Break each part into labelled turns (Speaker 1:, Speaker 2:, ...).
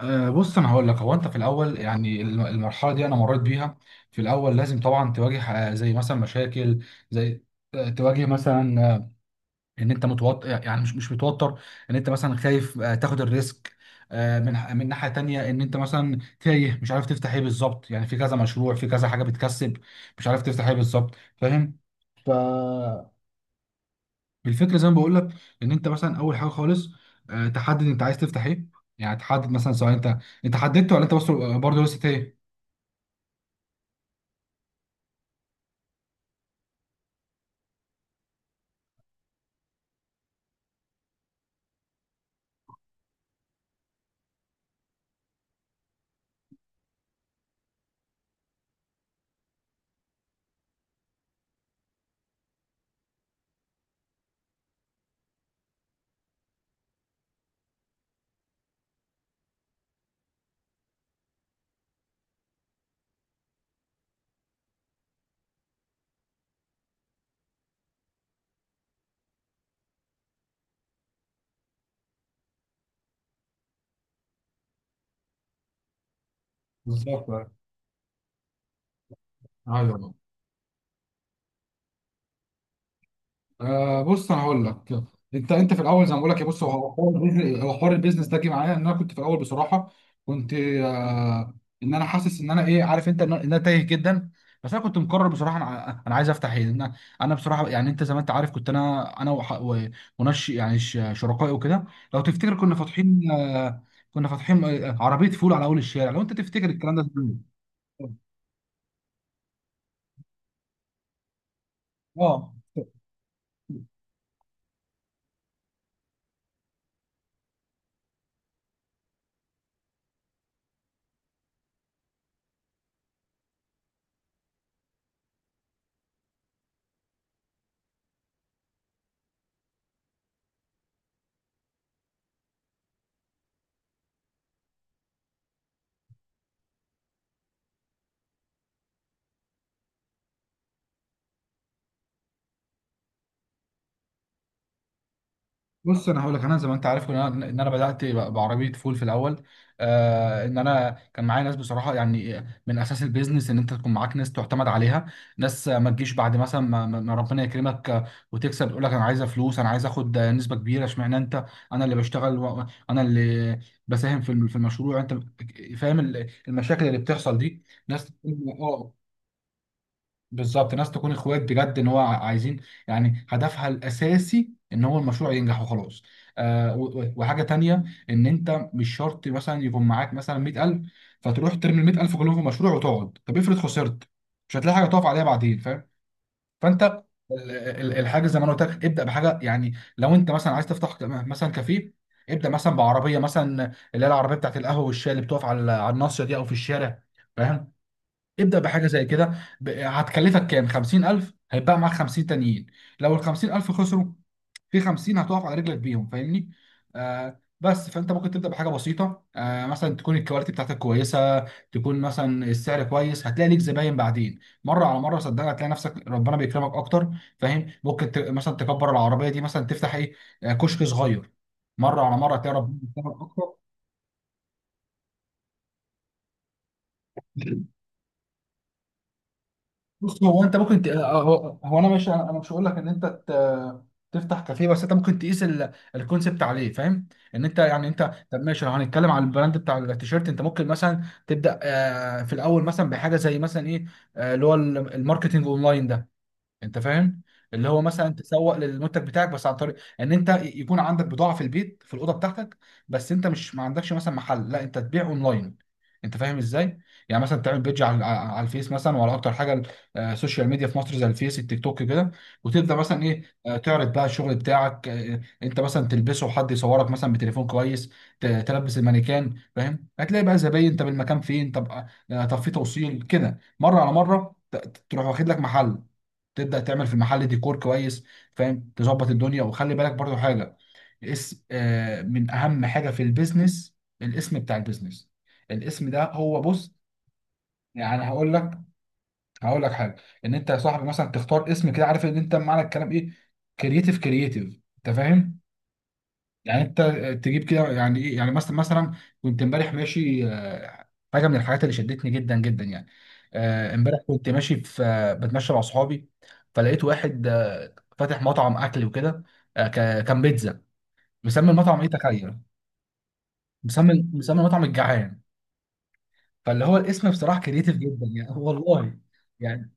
Speaker 1: بص انا هقول لك، هو انت في الاول يعني المرحله دي انا مريت بيها. في الاول لازم طبعا تواجه، زي مثلا مشاكل، زي تواجه مثلا، ان انت متوتر، يعني مش متوتر، ان انت مثلا خايف تاخد الريسك، من ناحيه تانية ان انت مثلا تايه مش عارف تفتح ايه بالظبط، يعني في كذا مشروع في كذا حاجه بتكسب مش عارف تفتح ايه بالظبط. فاهم؟ ف الفكره زي ما بقول لك، ان انت مثلا اول حاجه خالص تحدد انت عايز تفتح ايه، يعني تحدد مثلا، سواء انت حددت ولا انت بس برضه لسه ايه بالظبط. ايوه، بص انا هقول لك، انت في الاول زي ما بقول لك، يا بص هو حوار البيزنس- هو حوار البيزنس ده جه معايا ان انا كنت في الاول بصراحه كنت، ان انا حاسس ان انا ايه، عارف انت، ان انا إن أنا تايه جدا. بس انا كنت مقرر بصراحه انا انا عايز افتح ايه انا. انا بصراحه يعني انت زي ما انت عارف كنت انا ونش يعني شركائي وكده، لو تفتكر كنا فاتحين، عربيه فول على اول الشارع لو انت تفتكر الكلام ده. اه بص انا هقول لك، انا زي ما انت عارف ان انا إن أنا بدات بعربيه فول في الاول، ان انا كان معايا ناس بصراحه يعني. من اساس البيزنس ان انت تكون معاك ناس تعتمد عليها، ناس ما تجيش بعد مثلا ما ربنا يكرمك وتكسب تقول لك انا عايزه فلوس، انا عايز اخد نسبه كبيره، اشمعنى؟ انت انا اللي بشتغل انا اللي بساهم في في المشروع. انت فاهم المشاكل اللي بتحصل دي. ناس، اه، بالظبط. ناس تكون اخوات بجد ان هو عايزين، يعني هدفها الاساسي ان هو المشروع ينجح وخلاص. وحاجه تانية، ان انت مش شرط مثلا يكون معاك مثلا 100,000، فتروح ترمي ال 100,000 كلهم في مشروع وتقعد، طب افرض خسرت مش هتلاقي حاجه تقف عليها بعدين. فاهم؟ فانت الحاجه زي ما انا قلت لك، ابدا بحاجه، يعني لو انت مثلا عايز تفتح مثلا كافيه، ابدا مثلا بعربيه، مثلا اللي هي العربيه بتاعت القهوه والشاي اللي بتقف على الناصيه دي او في الشارع. فاهم؟ ابدأ بحاجة زي كده، هتكلفك كام، 50,000؟ هيبقى معاك 50 تانيين، لو ال 50,000 خسروا، في 50 هتقف على رجلك بيهم، فاهمني؟ بس فانت ممكن تبدأ بحاجة بسيطة، مثلا تكون الكواليتي بتاعتك كويسة، تكون مثلا السعر كويس، هتلاقي ليك زباين بعدين مرة على مرة. صدقني، هتلاقي نفسك ربنا بيكرمك اكتر، فاهم؟ ممكن مثلا تكبر العربية دي، مثلا تفتح ايه، كشك صغير، مرة على مرة هتلاقي ربنا بيكرمك اكتر. بص هو انت ممكن ت... آه، هو انا مش انا أنا مش هقول لك ان انت تفتح كافيه، بس انت ممكن تقيس الكونسبت عليه، فاهم؟ ان انت يعني انت، طب ماشي، لو هنتكلم على البراند بتاع التيشيرت انت ممكن مثلا تبدا، في الاول مثلا بحاجه زي مثلا ايه، اللي هو الماركتينج اونلاين ده. انت فاهم؟ اللي هو مثلا تسوق للمنتج بتاعك، بس عن طريق ان انت يكون عندك بضاعه في البيت في الاوضه بتاعتك، بس انت مش ما عندكش مثلا محل، لا، انت تبيع اونلاين. انت فاهم ازاي؟ يعني مثلا تعمل بيدج على الفيس مثلا وعلى اكتر حاجه السوشيال ميديا في مصر، زي الفيس، التيك توك كده، وتبدا مثلا ايه، تعرض بقى الشغل بتاعك، انت مثلا تلبسه، وحد يصورك مثلا بتليفون كويس، تلبس المانيكان. فاهم؟ هتلاقي بقى زباين. طب المكان فين؟ طب، طب في توصيل كده، مره على مره تروح واخد لك محل، تبدا تعمل في المحل ديكور كويس، فاهم؟ تظبط الدنيا. وخلي بالك برضو حاجه، اسم آه من اهم حاجه في البيزنس الاسم بتاع البيزنس. الاسم ده هو، بص، يعني هقول لك حاجه، ان انت يا صاحبي مثلا تختار اسم كده، عارف ان انت معنى الكلام ايه، كرييتيف كرييتيف. انت فاهم؟ يعني انت تجيب كده يعني ايه، يعني مثلا، كنت امبارح ماشي، حاجه من الحاجات اللي شدتني جدا جدا يعني، امبارح كنت ماشي في آه، بتمشى مع اصحابي، فلقيت واحد فاتح مطعم اكل وكده، كان بيتزا، مسمي المطعم ايه، تخيل؟ مسمي المطعم الجعان. فاللي هو الاسم بصراحه كريتيف جدا يعني والله، يعني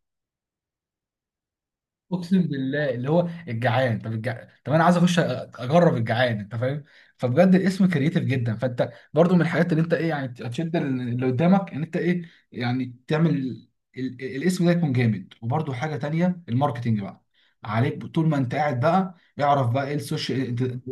Speaker 1: اقسم بالله، اللي هو الجعان، طب انا عايز اخش، اجرب الجعان، انت فاهم؟ فبجد الاسم كرييتيف جدا. فانت برضو من الحاجات اللي انت ايه يعني تشد اللي قدامك، ان انت ايه يعني تعمل الاسم ده يكون جامد. وبرضو حاجه تانية، الماركتينج بقى عليك طول ما انت قاعد بقى. اعرف بقى ايه السوشيال انت-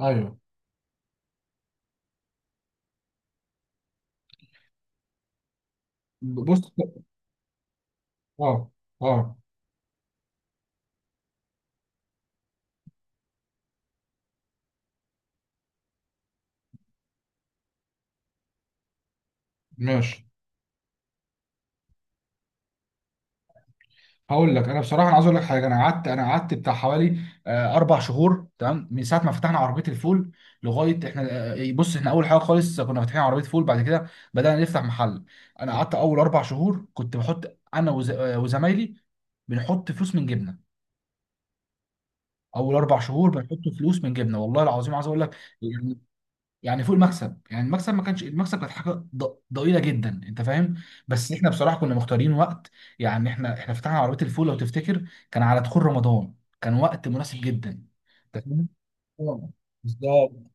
Speaker 1: ايوه، بص، اه، اه، ماشي. هقول لك، انا بصراحه انا عايز اقول لك حاجه، انا قعدت بتاع حوالي اربع شهور تمام من ساعه ما فتحنا عربيه الفول لغايه احنا آه، بص احنا اول حاجه خالص كنا فاتحين عربيه فول، بعد كده بدانا نفتح محل. انا قعدت اول اربع شهور كنت بحط انا وزمايلي بنحط فلوس من جبنه. اول اربع شهور بنحط فلوس من جبنه، والله العظيم عايز اقول لك، يعني فوق المكسب. يعني المكسب ما كانش، المكسب كانت حاجه ضئيله جدا، انت فاهم؟ بس احنا بصراحه كنا مختارين وقت، يعني احنا فتحنا عربيه الفول لو تفتكر كان على دخول رمضان، كان وقت مناسب جدا. أنت فاهم؟ اه، بالظبط.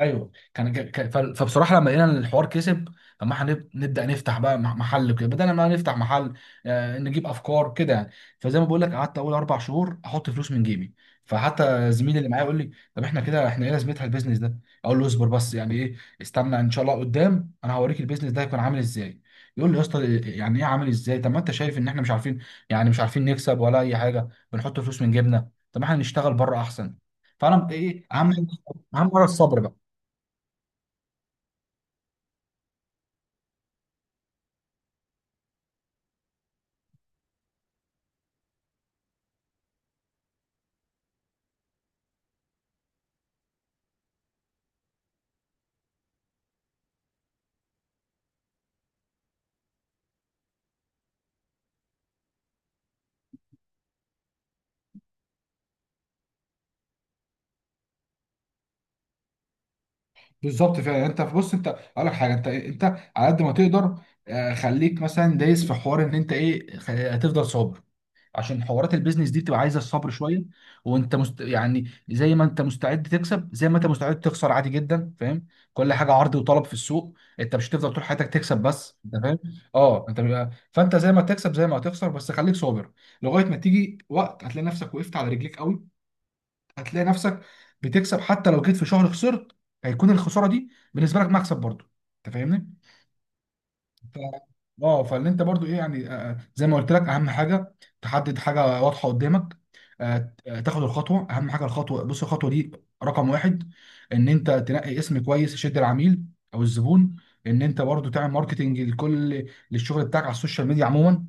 Speaker 1: ايوه كان، فبصراحه لما لقينا ان الحوار كسب، فما نبدا نفتح بقى محل كده بدل ما نفتح محل، نجيب افكار كده يعني. فزي ما بقول لك قعدت اول اربع شهور احط فلوس من جيبي. فحتى زميلي اللي معايا يقول لي، طب احنا كده احنا ايه لازمتها البيزنس ده؟ اقول له اصبر، بس يعني ايه؟ استنى ان شاء الله قدام انا هوريك البيزنس ده هيكون عامل ازاي. يقول لي، يا اسطى يعني ايه عامل ازاي؟ طب ما انت شايف ان احنا مش عارفين، يعني مش عارفين نكسب ولا اي حاجه، بنحط فلوس من جيبنا، طب ما احنا نشتغل بره احسن. فانا ايه اهم حاجه؟ اهم حاجه الصبر بقى. بالظبط فعلا. يعني انت بص، انت اقول لك حاجه، انت على قد ما تقدر، خليك مثلا دايس في حوار ان انت ايه، هتفضل صابر، عشان حوارات البيزنس دي بتبقى عايزه الصبر شويه. وانت يعني زي ما انت مستعد تكسب، زي ما انت مستعد تخسر، عادي جدا، فاهم؟ كل حاجه عرض وطلب في السوق، انت مش هتفضل طول حياتك تكسب بس، انت فاهم؟ فانت زي ما تكسب زي ما هتخسر، بس خليك صابر لغايه ما تيجي وقت هتلاقي نفسك وقفت على رجليك قوي، هتلاقي نفسك بتكسب. حتى لو جيت في شهر خسرت، هيكون الخساره دي بالنسبه لك مكسب برضو، انت فاهمني؟ ف- اه فاللي انت برضو ايه يعني، زي ما قلت لك اهم حاجه تحدد حاجه واضحه قدامك، تاخد الخطوه. اهم حاجه الخطوه، بص الخطوه دي رقم واحد، ان انت تنقي اسم كويس يشد العميل او الزبون. ان انت برضو تعمل ماركتنج للشغل بتاعك على السوشيال ميديا عموما،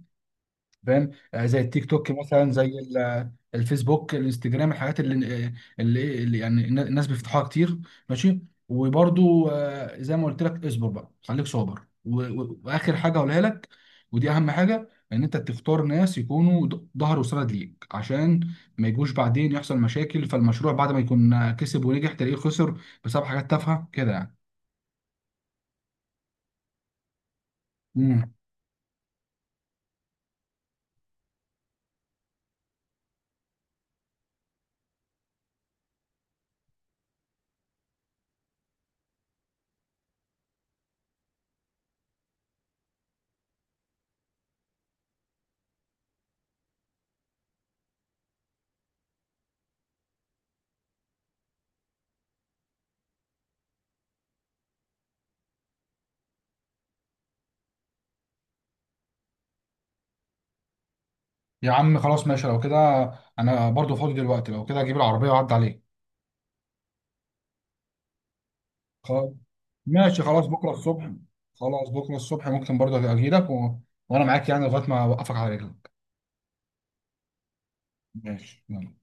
Speaker 1: فاهم؟ زي التيك توك مثلا، زي الفيسبوك، الانستجرام، الحاجات اللي يعني الناس بيفتحوها كتير، ماشي؟ وبرضو زي ما قلت لك اصبر بقى، خليك صابر، واخر حاجه هقولها لك، ودي اهم حاجه، ان انت تختار ناس يكونوا ظهر وسند ليك، عشان ما يجوش بعدين يحصل مشاكل فالمشروع، بعد ما يكون كسب ونجح تلاقيه خسر بسبب حاجات تافهه كده يعني. امم يا عم خلاص، ماشي، لو كده انا برضو فاضي دلوقتي، لو كده اجيب العربيه واعدي عليك. خلاص، ماشي، خلاص بكره الصبح ممكن برضه أبقى اجي لك وانا معاك يعني لغايه ما اوقفك على رجلك. ماشي، يلا